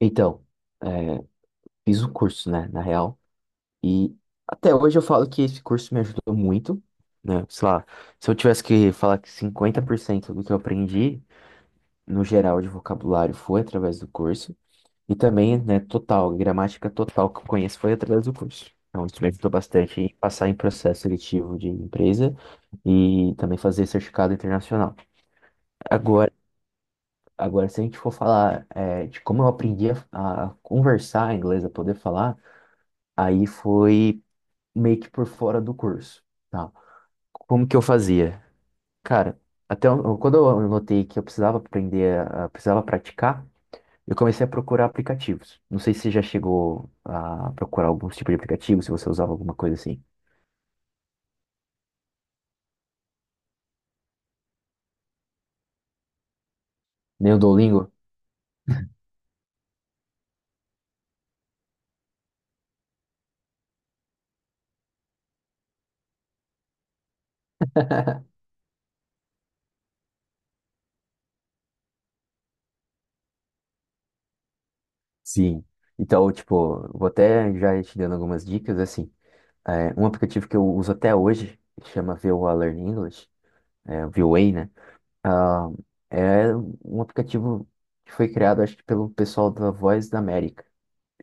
Então, é, fiz um curso, né, na real, e até hoje eu falo que esse curso me ajudou muito, né, sei lá, se eu tivesse que falar que 50% do que eu aprendi, no geral, de vocabulário foi através do curso, e também, né, total, gramática total que eu conheço foi através do curso. Então, isso me ajudou bastante em passar em processo seletivo de empresa e também fazer certificado internacional. Agora, agora se a gente for falar, de como eu aprendi a conversar em inglês, a poder falar, aí foi meio que por fora do curso, tá? Como que eu fazia? Cara, quando eu notei que eu precisava aprender, precisava praticar, eu comecei a procurar aplicativos. Não sei se você já chegou a procurar algum tipo de aplicativo, se você usava alguma coisa assim. Nem o Duolingo? Sim. Então, tipo, vou até já ir te dando algumas dicas, é assim. É, um aplicativo que eu uso até hoje, que chama VOA Learn English, VOA, né? Ah, é um aplicativo que foi criado, acho que pelo pessoal da Voz da América.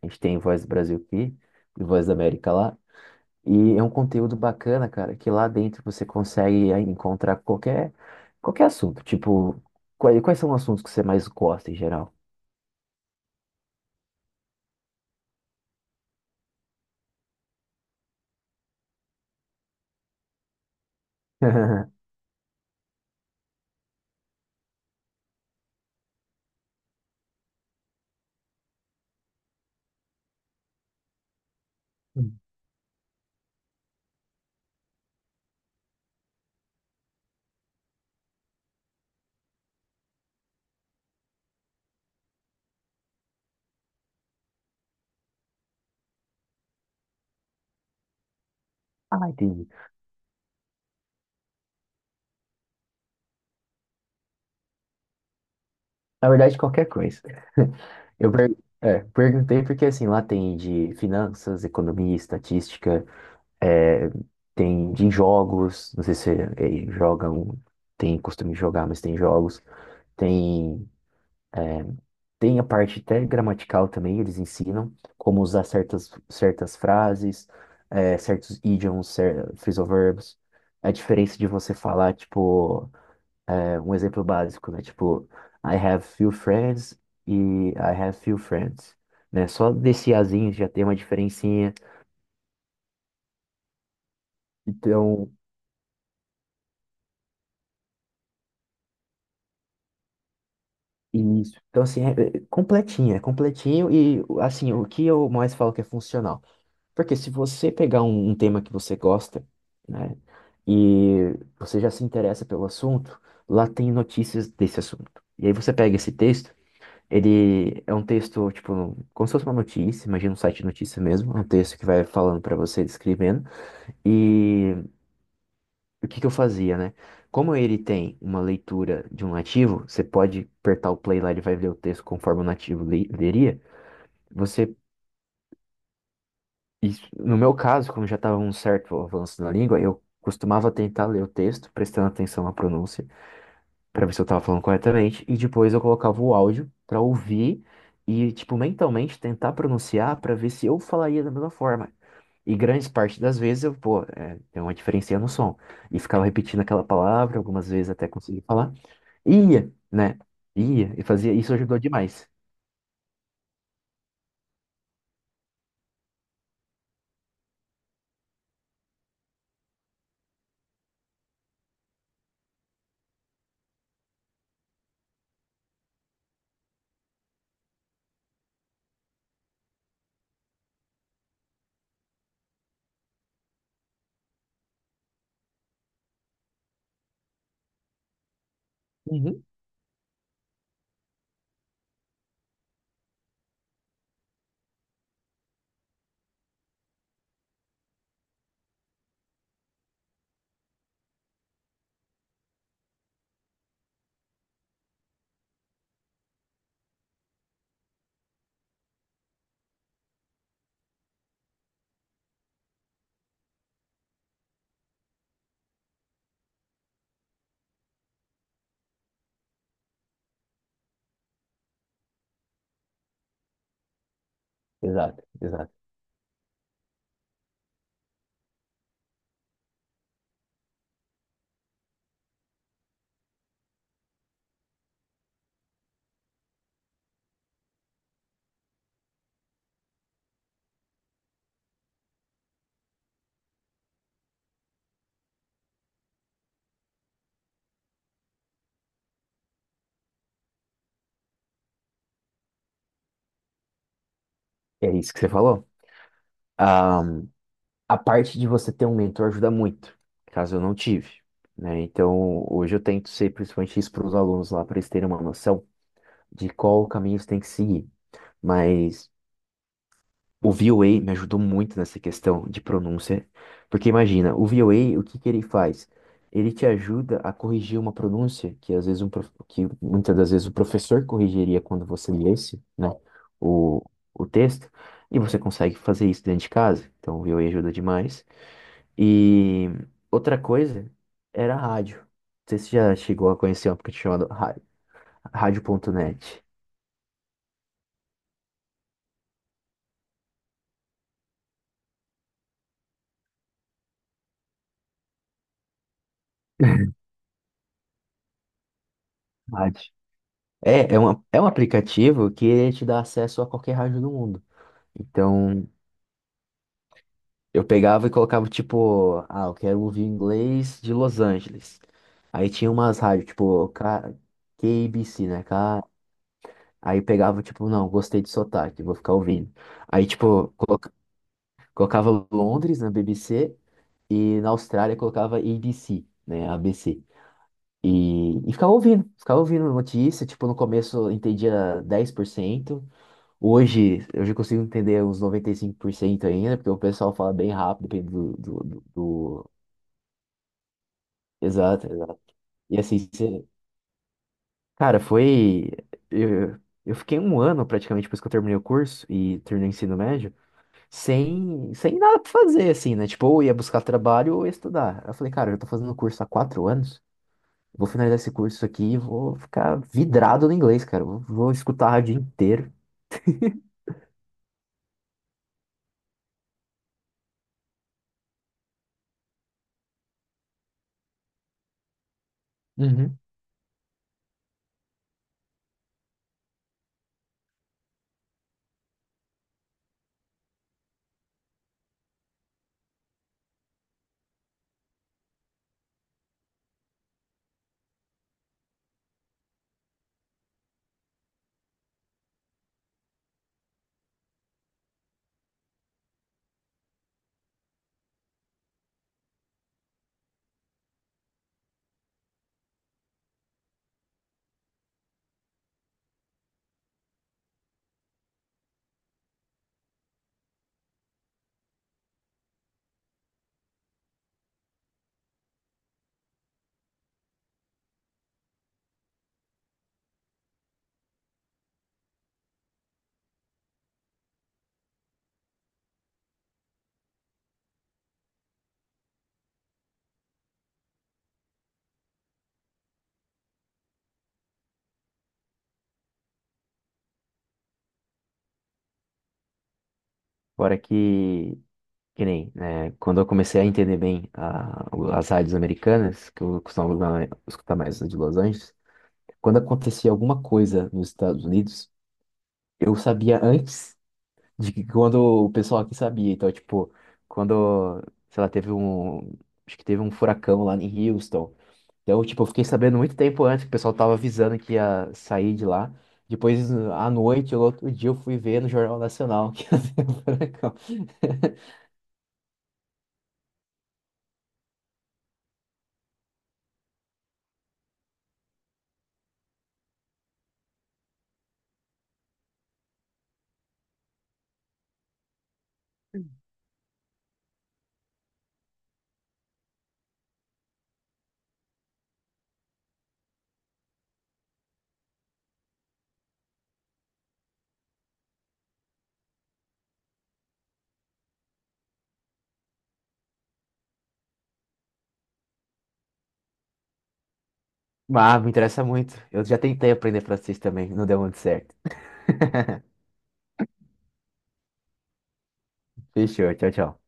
A gente tem Voz do Brasil aqui e Voz da América lá. E é um conteúdo bacana, cara, que lá dentro você consegue aí encontrar qualquer assunto. Tipo, quais são os assuntos que você mais gosta em geral? Ah, entendi. Na verdade, qualquer coisa. Perguntei porque, assim, lá tem de finanças, economia, estatística. É, tem de jogos, não sei se jogam, tem costume de jogar, mas tem jogos. Tem, é, tem a parte até gramatical também, eles ensinam como usar certas frases, certos idioms, cer phrasal verbs. A diferença de você falar, tipo, um exemplo básico, né? Tipo, I have few friends e I have few friends. Né? Só desse azinho já tem uma diferencinha. Então, isso. Então, assim, é completinho e, assim, o que eu mais falo que é funcional. Porque se você pegar um tema que você gosta, né, e você já se interessa pelo assunto, lá tem notícias desse assunto. E aí você pega esse texto, ele é um texto, tipo, como se fosse uma notícia, imagina um site de notícia mesmo, é um texto que vai falando para você, descrevendo, o que que eu fazia, né? Como ele tem uma leitura de um nativo, você pode apertar o play lá, ele vai ler o texto conforme o nativo leria. Você, no meu caso, como já estava um certo avanço na língua, eu costumava tentar ler o texto, prestando atenção à pronúncia, para ver se eu estava falando corretamente, e depois eu colocava o áudio para ouvir e, tipo, mentalmente tentar pronunciar para ver se eu falaria da mesma forma. E grande parte das vezes eu, pô, tem uma diferença no som. E ficava repetindo aquela palavra, algumas vezes até conseguir falar. Ia, né? Ia, e fazia, isso ajudou demais. Uhum. Exato, exato. É isso que você falou. Ah, a parte de você ter um mentor ajuda muito, caso eu não tive, né? Então, hoje eu tento ser principalmente isso para os alunos lá, para eles terem uma noção de qual caminho você tem que seguir. Mas o VOA me ajudou muito nessa questão de pronúncia, porque imagina, o VOA, o A, o que que ele faz? Ele te ajuda a corrigir uma pronúncia que às vezes que muitas das vezes o professor corrigiria quando você lesse, né, o, o texto, e você consegue fazer isso dentro de casa. Então o VOA ajuda demais. E outra coisa era a rádio. Não sei se você já chegou a conhecer um aplicativo chamado rádio.net. Rádio. É, é um aplicativo que ele te dá acesso a qualquer rádio do mundo. Então, eu pegava e colocava, tipo, ah, eu quero ouvir inglês de Los Angeles. Aí tinha umas rádios, tipo, K... KBC, né? K... Aí pegava, tipo, não, gostei de sotaque, vou ficar ouvindo. Aí, tipo, colocava Londres na BBC e na Austrália colocava ABC, né? ABC. E ficava ouvindo notícia, tipo, no começo eu entendia 10%. Hoje, hoje eu consigo entender uns 95% ainda, porque o pessoal fala bem rápido, depende do. Exato, exato. E assim, cê- Cara, foi... Eu, eu fiquei um ano, praticamente, depois que eu terminei o curso e terminei o ensino médio, sem nada pra fazer, assim, né? Tipo, ou ia buscar trabalho ou ia estudar. Eu falei, cara, eu tô fazendo o curso há 4 anos, vou finalizar esse curso aqui e vou ficar vidrado no inglês, cara. Vou escutar a rádio inteiro. Uhum. Fora que... Que nem, né, quando eu comecei a entender as rádios americanas, que eu costumava escutar mais as de Los Angeles, quando acontecia alguma coisa nos Estados Unidos, eu sabia antes de que quando o pessoal aqui sabia. Então, tipo, quando, sei lá, teve um, acho que teve um furacão lá em Houston. Então, tipo, eu fiquei sabendo muito tempo antes que o pessoal tava avisando que ia sair de lá. Depois, à noite, ou outro dia, eu fui ver no Jornal Nacional que ia ter um furacão. Ah, me interessa muito. Eu já tentei aprender francês também, não deu muito certo. Fechou, tchau, tchau.